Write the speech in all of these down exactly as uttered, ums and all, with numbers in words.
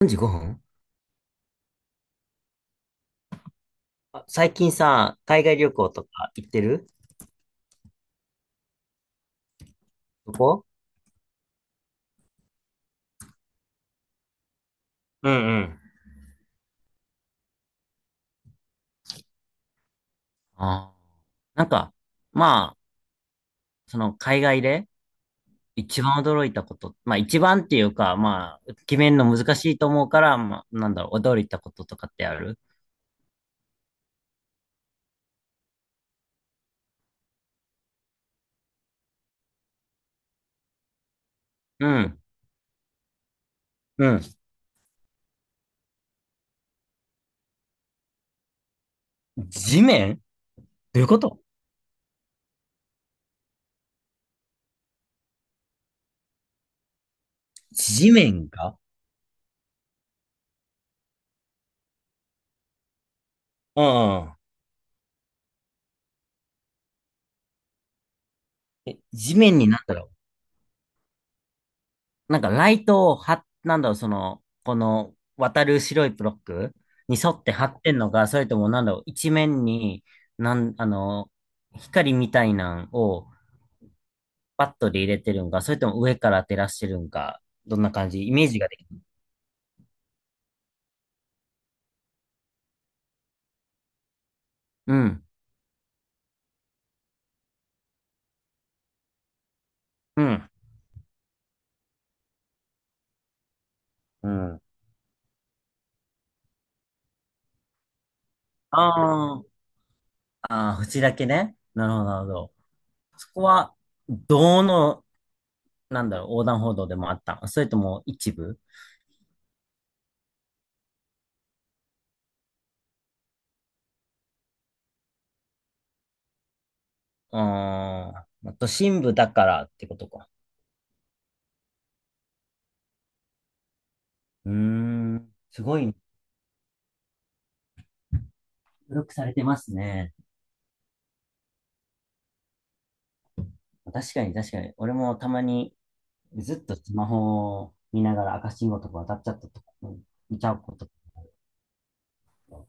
さんじごふん。あ、最近さ、海外旅行とか行ってる？どこ？うんうん。ああ。なんか、まあ、その海外で一番驚いたこと、まあ一番っていうか、まあ、決めるの難しいと思うから、まあ、なんだろう、驚いたこととかってある？うん。うん。地面？どういうこと？地面が？うんうん。え、地面になんだろう、なんかライトをはなんだろう、その、この渡る白いブロックに沿って貼ってんのか、それともなんだろう、一面に、なん、あの、光みたいなんをバットで入れてるんか、それとも上から照らしてるんか、どんな感じ、イメージができる。うん、うん、うん。あーあー、縁だけね。なるほど、なるほど。そこは、どの、なんだろう、横断歩道でもあったの？それとも一部？うーん、都心部だからってことか。うーん。すごい、努力されてますね。確かに確かに。俺もたまにずっとスマホを見ながら赤信号とか渡っちゃったとか、見ちゃうこととか。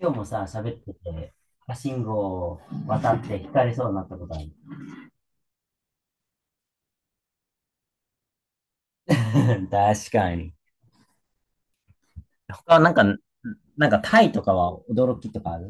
今日もさ、喋ってて、赤信号を渡って引かれそうになったことある。確かに。他はなんか、なんかタイとかは驚きとかある？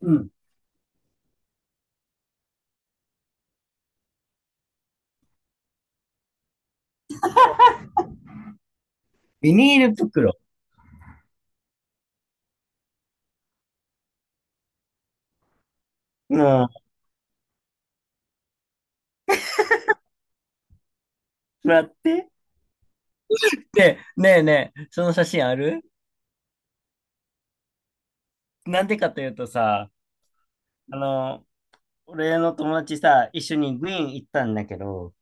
うん。ビニール袋？うん、もらって。で、ねえねえ、その写真ある？なんでかというとさ、あの、俺の友達さ、一緒にグイーン行ったんだけど、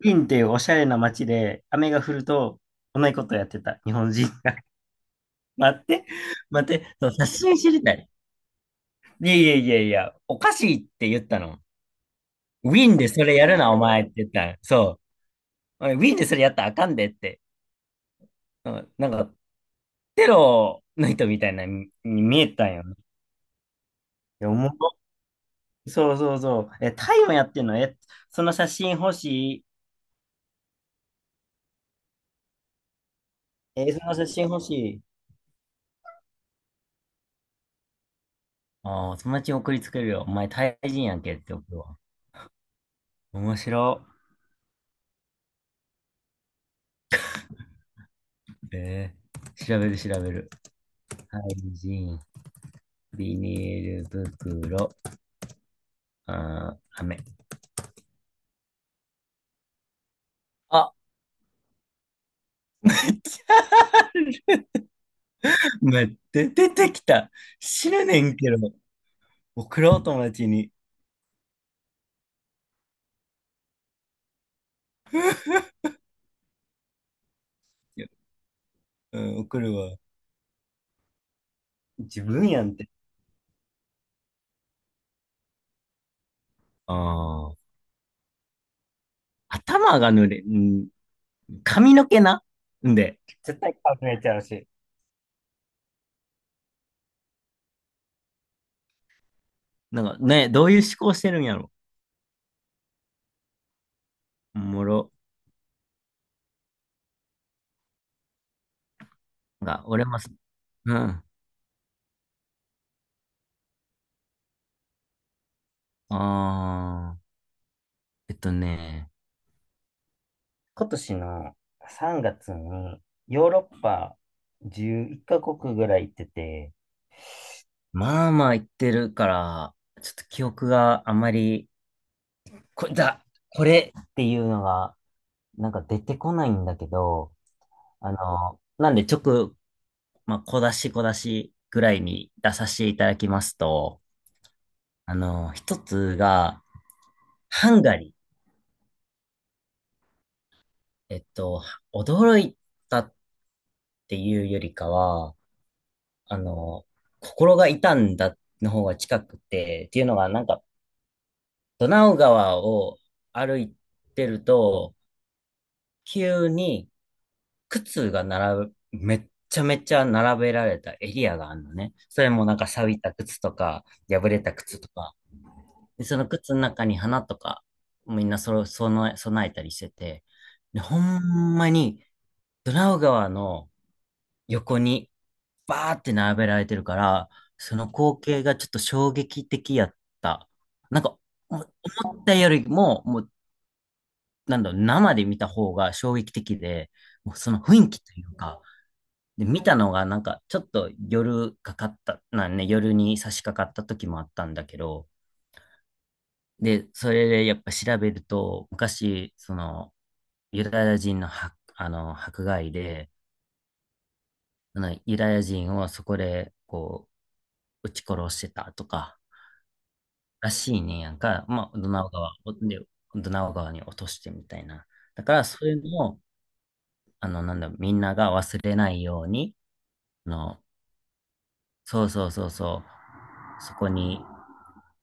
グイーンっていうおしゃれな街で、雨が降ると、同じことやってた、日本人が。待って、待って、そう、写真知りたい。いやいやいやいや、おかしいって言ったの。ウィーンでそれやるな、お前って言ったの。そう。おいウィーンでそれやったらあかんでって。うん、なんか、テロの人みたいなにに見えたんよね。いや、おもろ。そうそうそう。え、タイもやってんの？え、その写真欲しい。え、その写真欲しい。ああ、友達に送りつけるよ。お前、タイ人やんけって送るわ。面白。えー、調べる調べる。タイ人、ビニール袋、あー、飴。あ、待って、出てきた。知らねんけど、送ろう、友達に。いや。うん、送るわ。自分やんって。ああ、頭が濡れ、うん、髪の毛な。んで、絶対顔濡れちゃうし。なんかね、どういう思考してるんやろ。おもろ。が、俺も、うん。ああ、えっとね、今年のさんがつにヨーロッパじゅういっカ国ぐらい行ってて、まあまあ言ってるから、ちょっと記憶があまり、これだ、これっていうのが、なんか出てこないんだけど、あの、なんで直、まあ、小出し小出しぐらいに出させていただきますと、あの、一つが、ハンガリー。えっと、驚いたっていうよりかは、あの、心が痛んだの方が近くて、っていうのが、なんか、ドナウ川を歩いてると、急に靴が並ぶ、めっちゃめちゃ並べられたエリアがあるのね。それもなんか錆びた靴とか、破れた靴とか。で、その靴の中に花とか、みんなそろ、その、備えたりしてて、で、ほんまに、ドナウ川の横にバーって並べられてるから、その光景がちょっと衝撃的やった。なんか、も思ったよりも、もう、なんだろう、生で見た方が衝撃的で、もうその雰囲気というか、で、見たのがなんか、ちょっと夜かかった、なんね、夜に差し掛かった時もあったんだけど、で、それでやっぱ調べると、昔、その、ユダヤ人の迫、あの、迫害で、あのユダヤ人をそこで、こう、撃ち殺してたとか、らしいねんやんか。まあ、ドナウ川をで、ドナウ川に落としてみたいな。だから、そういうのを、あの、なんだ、みんなが忘れないように、あの、そうそうそうそう、そこに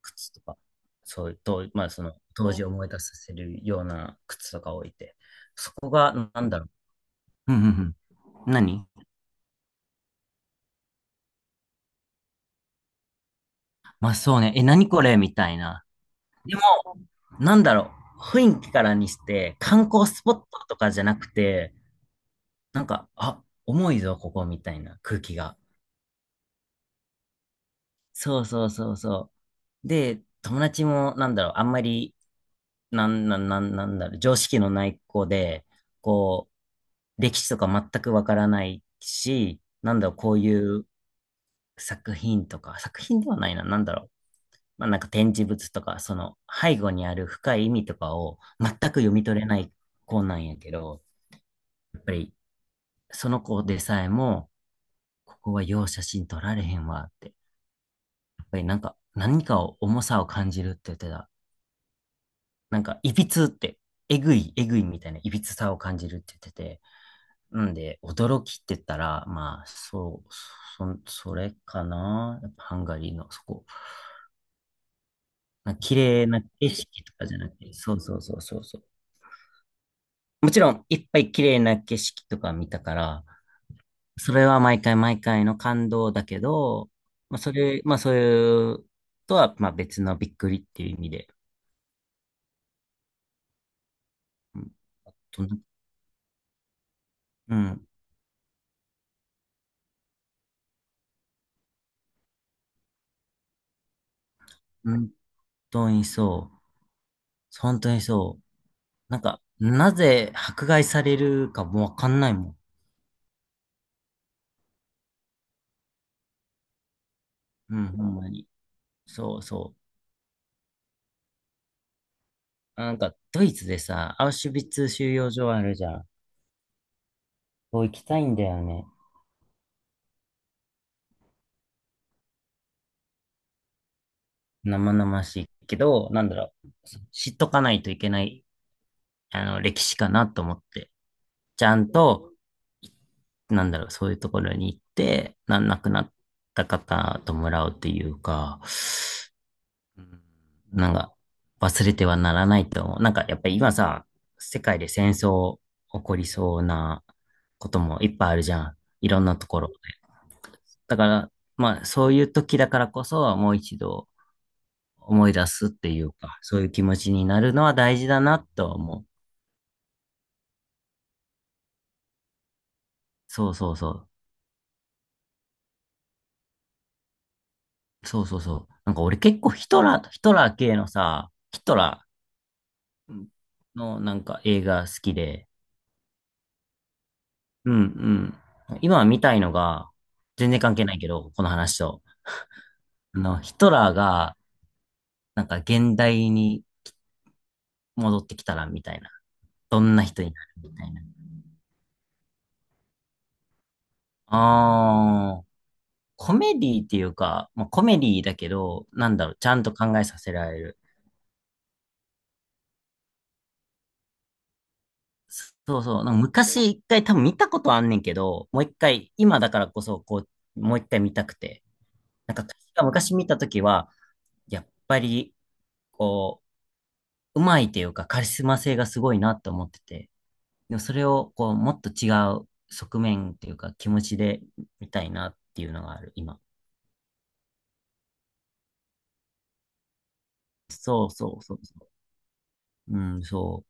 靴とか、そういう、と、まあ、その、当時を思い出させるような靴とか置いて、そこが、なんだろう。うんうんうん。何、まあ、そうね。え、何これみたいな。でも、なんだろう、雰囲気からにして、観光スポットとかじゃなくて、なんか、あ、重いぞ、ここ、みたいな空気が。そうそうそうそう。で、友達も、なんだろう、あんまり、なん、なん、なん、なんだろう、常識のない子で、こう、歴史とか全くわからないし、なんだろう、こういう作品とか、作品ではないな、なんだろう、まあ、なんか展示物とか、その背後にある深い意味とかを全く読み取れない子なんやけど、やっぱりその子でさえも、ここはよう写真撮られへんわって、やっぱりなんか何かを重さを感じるって言ってた。なんか、いびつって、えぐい、えぐいみたいないびつさを感じるって言ってて、なんで、驚きって言ったら、まあ、そう、そ、それかな。やっぱハンガリーのそこ。なんか綺麗な景色とかじゃなくて、そうそうそうそうそう。もちろん、いっぱい綺麗な景色とか見たから、それは毎回毎回の感動だけど、まあ、それ、まあ、そういうとは、まあ、別のびっくりっていう意味で。うんと、うん、本当にそう。本当にそう。なんか、なぜ迫害されるかもわかんないもん。うん、ほんまに。そうそう。なんか、ドイツでさ、アウシュビッツ収容所あるじゃん。そう行きたいんだよね。生々しいけど、なんだろう。知っとかないといけないあの、歴史かなと思って、ちゃんと、なんだろう、そういうところに行って、な、亡くなった方ともらうっていうか、うん、なんか、忘れてはならないと思う。なんか、やっぱり今さ、世界で戦争起こりそうなこともいっぱいあるじゃん。いろんなところで。だから、まあ、そういう時だからこそ、もう一度思い出すっていうか、そういう気持ちになるのは大事だなとは思う。そうそうそう。そうそうそう。なんか俺結構ヒトラー、ヒトラー系のさ、ヒトラーのなんか映画好きで、うんうん今見たいのが、全然関係ないけど、この話と。あの、ヒトラーが、なんか現代に戻ってきたら、みたいな。どんな人になるみたいな。あー、コメディっていうか、まあ、コメディだけど、なんだろう、ちゃんと考えさせられる。そうそう、なんか昔一回多分見たことあんねんけど、もう一回、今だからこそ、こう、もう一回見たくて。なんか確か昔見たときは、やっぱり、こう、うまいというかカリスマ性がすごいなと思ってて、でもそれをこう、もっと違う側面というか気持ちで見たいなっていうのがある、今。そうそうそうそう。うん、そ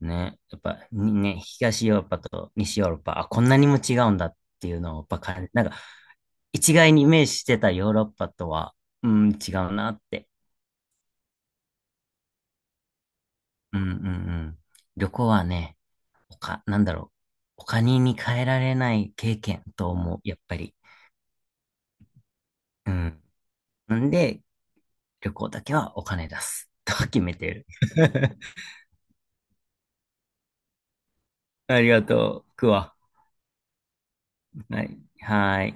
う。ね。やっぱ、にね、東ヨーロッパと西ヨーロッパ、あ、こんなにも違うんだっていうのをやっぱ感じ、なんか、一概にイメージしてたヨーロッパとは、うん、違うなって。うんうんうん。旅行はね、他、なんだろう。他にに変えられない経験と思う、やっぱり。うん。なんで、旅行だけはお金出す。と決めてる。ありがとう。くわ。はい。はーい。